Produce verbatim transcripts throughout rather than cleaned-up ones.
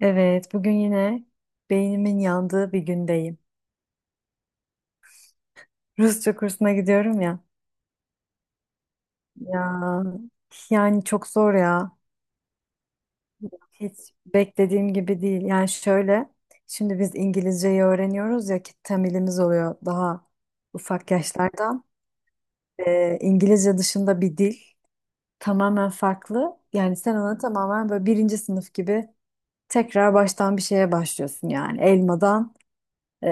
Evet, bugün yine beynimin yandığı bir gündeyim. Rusça kursuna gidiyorum ya. Ya yani çok zor ya. Hiç beklediğim gibi değil. Yani şöyle, şimdi biz İngilizceyi öğreniyoruz ya ki temelimiz oluyor daha ufak yaşlardan. Ee, İngilizce dışında bir dil tamamen farklı. Yani sen ona tamamen böyle birinci sınıf gibi tekrar baştan bir şeye başlıyorsun yani. Elmadan, e,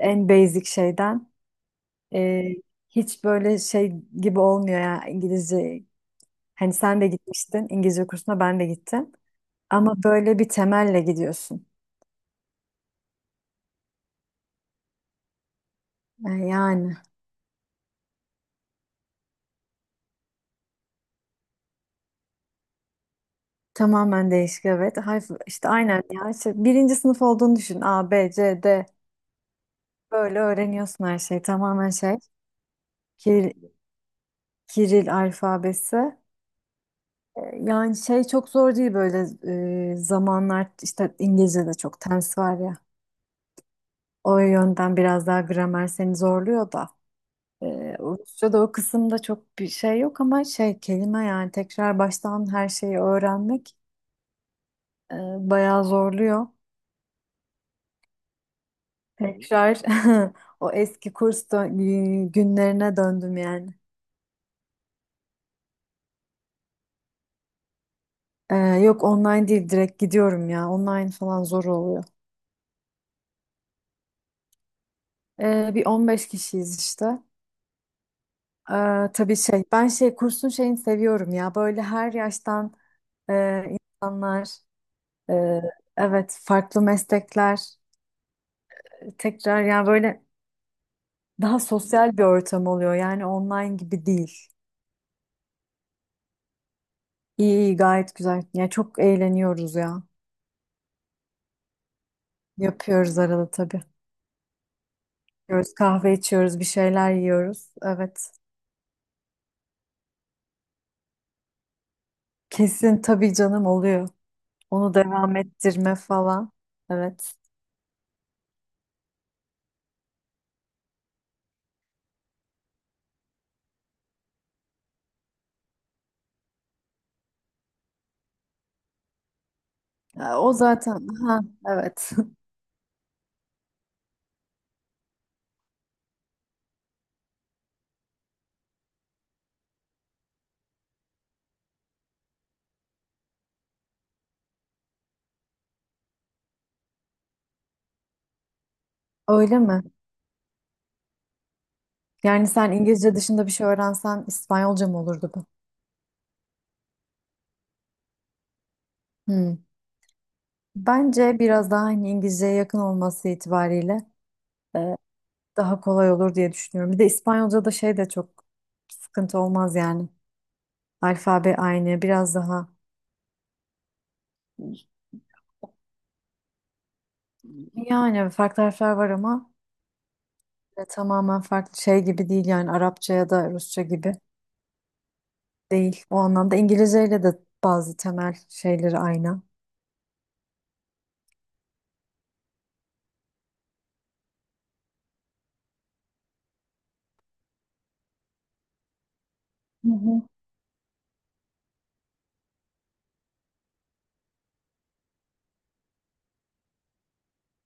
en basic şeyden. Ee, hiç böyle şey gibi olmuyor ya İngilizce. Hani sen de gitmiştin İngilizce kursuna ben de gittim. Ama böyle bir temelle gidiyorsun. Ee, Yani tamamen değişik, evet. Harf, işte aynen ya. İşte birinci sınıf olduğunu düşün. A, B, C, D. Böyle öğreniyorsun her şeyi. Tamamen şey. Kiril, Kiril alfabesi. Ee, Yani şey çok zor değil, böyle e, zamanlar işte, İngilizce'de çok tense var ya. O yönden biraz daha gramer seni zorluyor da. Ee, Rusça'da o kısımda çok bir şey yok, ama şey, kelime yani, tekrar baştan her şeyi öğrenmek e, bayağı zorluyor. Tekrar o eski kurs dö- günlerine döndüm yani. Ee, yok, online değil, direkt gidiyorum ya. Online falan zor oluyor. Ee, bir on beş kişiyiz işte. Ee, tabii şey, ben şey, kursun şeyini seviyorum ya. Böyle her yaştan e, insanlar, e, evet, farklı meslekler, tekrar yani böyle, daha sosyal bir ortam oluyor yani, online gibi değil. İyi iyi, gayet güzel. Ya çok eğleniyoruz ya. Yapıyoruz arada tabii. Yiyoruz, kahve içiyoruz, bir şeyler yiyoruz. Evet. Kesin tabii canım, oluyor. Onu devam ettirme falan. Evet. Ya, o zaten, ha, evet. Öyle mi? Yani sen İngilizce dışında bir şey öğrensen İspanyolca mı olurdu bu? Hmm. Bence biraz daha, hani, İngilizceye yakın olması itibariyle e, daha kolay olur diye düşünüyorum. Bir de İspanyolca da şey de çok sıkıntı olmaz yani. Alfabe aynı, biraz daha. Yani farklı harfler var ama e, tamamen farklı şey gibi değil yani, Arapça ya da Rusça gibi değil. O anlamda İngilizceyle de bazı temel şeyleri aynı. Hı hı.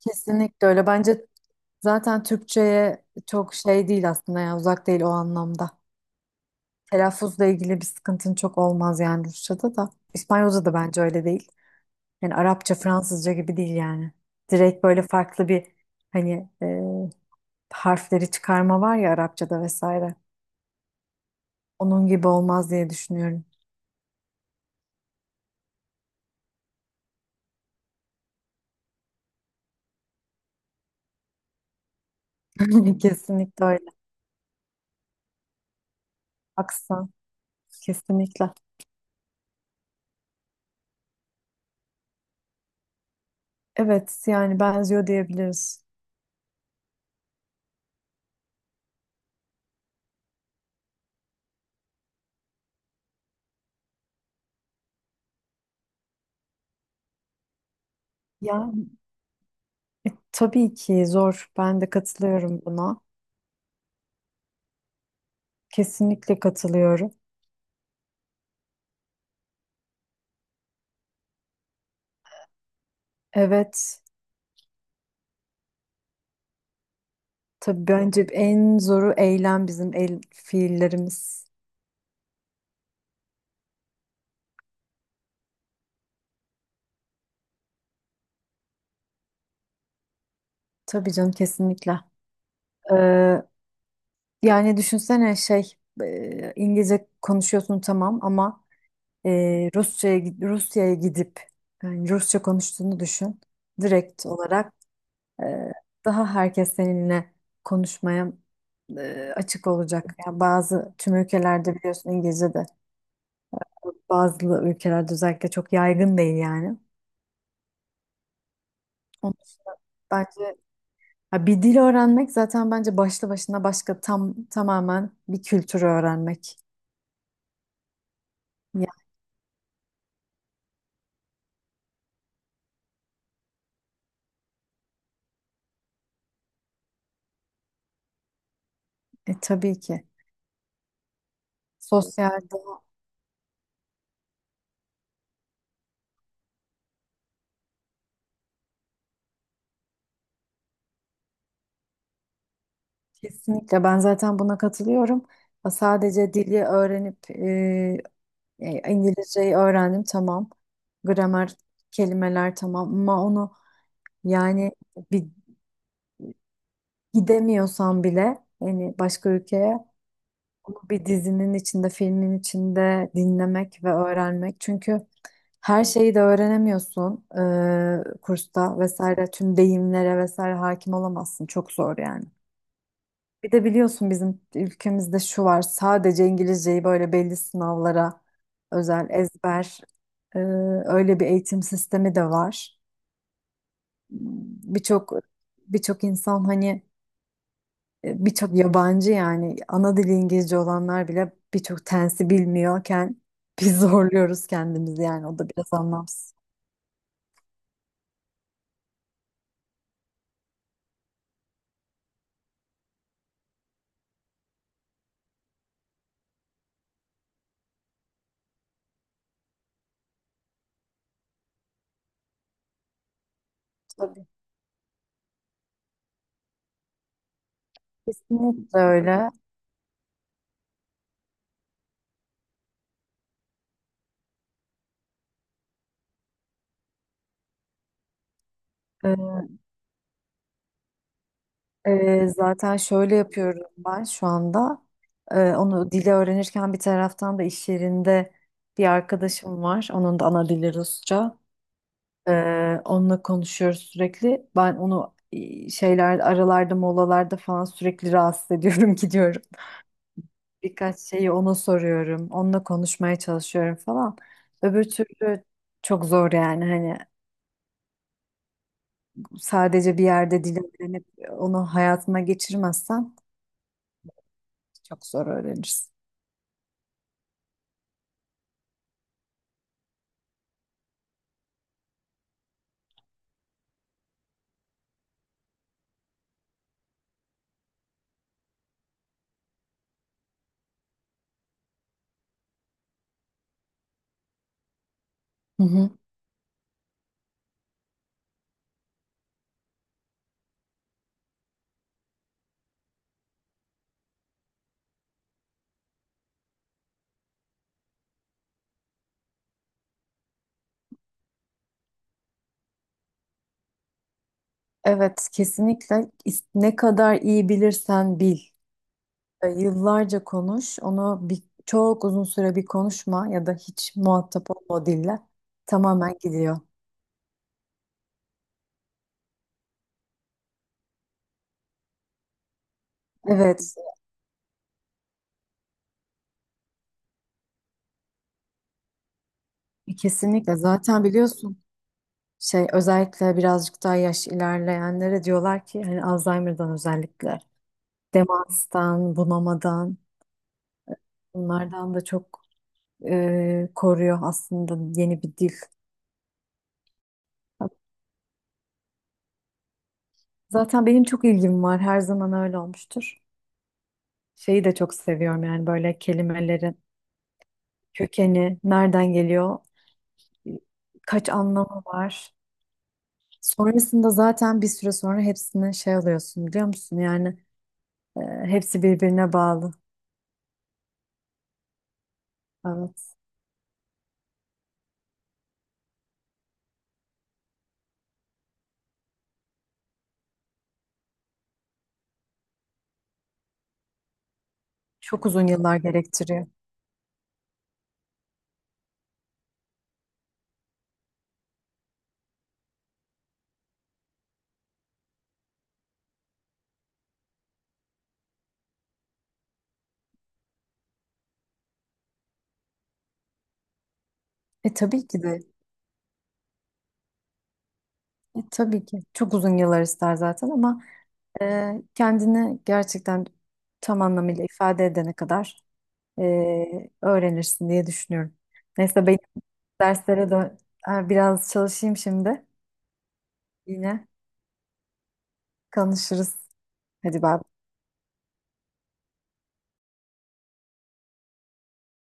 Kesinlikle öyle. Bence zaten Türkçe'ye çok şey değil aslında, yani uzak değil o anlamda. Telaffuzla ilgili bir sıkıntın çok olmaz yani Rusça'da da. İspanyolca da bence öyle değil. Yani Arapça, Fransızca gibi değil yani. Direkt böyle farklı bir, hani, e, harfleri çıkarma var ya Arapça'da vesaire. Onun gibi olmaz diye düşünüyorum. Kesinlikle öyle. Aksan. Kesinlikle. Evet, yani benziyor diyebiliriz. Ya, tabii ki zor. Ben de katılıyorum buna. Kesinlikle katılıyorum. Evet. Tabii bence en zoru eylem, bizim el fiillerimiz. Tabii canım, kesinlikle. Ee, yani düşünsene şey, e, İngilizce konuşuyorsun tamam, ama e, Rusça'ya gi- Rusya'ya gidip yani Rusça konuştuğunu düşün. Direkt olarak e, daha herkes seninle konuşmaya e, açık olacak. Yani bazı, tüm ülkelerde biliyorsun İngilizce de, bazı ülkelerde özellikle çok yaygın değil yani. Onun için bence, ha, bir dil öğrenmek zaten bence başlı başına başka, tam tamamen bir kültürü öğrenmek. Ya, e, tabii ki. Sosyal doğa. Kesinlikle, ben zaten buna katılıyorum. Ha, sadece dili öğrenip, e, e, İngilizceyi öğrendim tamam. Gramer, kelimeler tamam, ama onu yani, bir, gidemiyorsan bile yani başka ülkeye, onu bir dizinin içinde, filmin içinde dinlemek ve öğrenmek. Çünkü her şeyi de öğrenemiyorsun, e, kursta vesaire tüm deyimlere vesaire hakim olamazsın, çok zor yani. Bir de biliyorsun, bizim ülkemizde şu var, sadece İngilizceyi böyle belli sınavlara özel ezber, e, öyle bir eğitim sistemi de var. Birçok birçok insan hani, e, birçok yabancı yani, ana dili İngilizce olanlar bile birçok tensi bilmiyorken biz zorluyoruz kendimizi yani, o da biraz anlamsız. Tabii. Kesinlikle öyle. Ee, e, zaten şöyle yapıyorum ben şu anda. Ee, onu dili öğrenirken bir taraftan da iş yerinde bir arkadaşım var. Onun da ana dili Rusça. Ee, onunla konuşuyoruz sürekli. Ben onu e, şeyler, aralarda, molalarda falan sürekli rahatsız ediyorum, gidiyorum. Birkaç şeyi ona soruyorum. Onunla konuşmaya çalışıyorum falan. Öbür türlü çok zor yani, hani sadece bir yerde dil öğrenip onu hayatına geçirmezsen çok zor öğrenirsin. Hı hı. Evet, kesinlikle, İs- ne kadar iyi bilirsen bil. E, Yıllarca konuş, onu bir, çok uzun süre bir konuşma ya da hiç muhatap olma o dille, tamamen gidiyor. Evet, kesinlikle, zaten biliyorsun şey, özellikle birazcık daha yaş ilerleyenlere diyorlar ki, hani Alzheimer'dan özellikle, demanstan, bunamadan, bunlardan da çok e, koruyor aslında yeni bir dil. Zaten benim çok ilgim var. Her zaman öyle olmuştur. Şeyi de çok seviyorum yani, böyle kelimelerin kökeni, nereden geliyor, kaç anlamı var. Sonrasında zaten bir süre sonra hepsini şey alıyorsun, biliyor musun? Yani e, hepsi birbirine bağlı. Evet. Çok uzun yıllar gerektiriyor. E tabii ki de. E, tabii ki. Çok uzun yıllar ister zaten, ama e, kendini gerçekten tam anlamıyla ifade edene kadar e, öğrenirsin diye düşünüyorum. Neyse, derslere dön. Ha, biraz çalışayım şimdi. Yine konuşuruz. Hadi bay bay.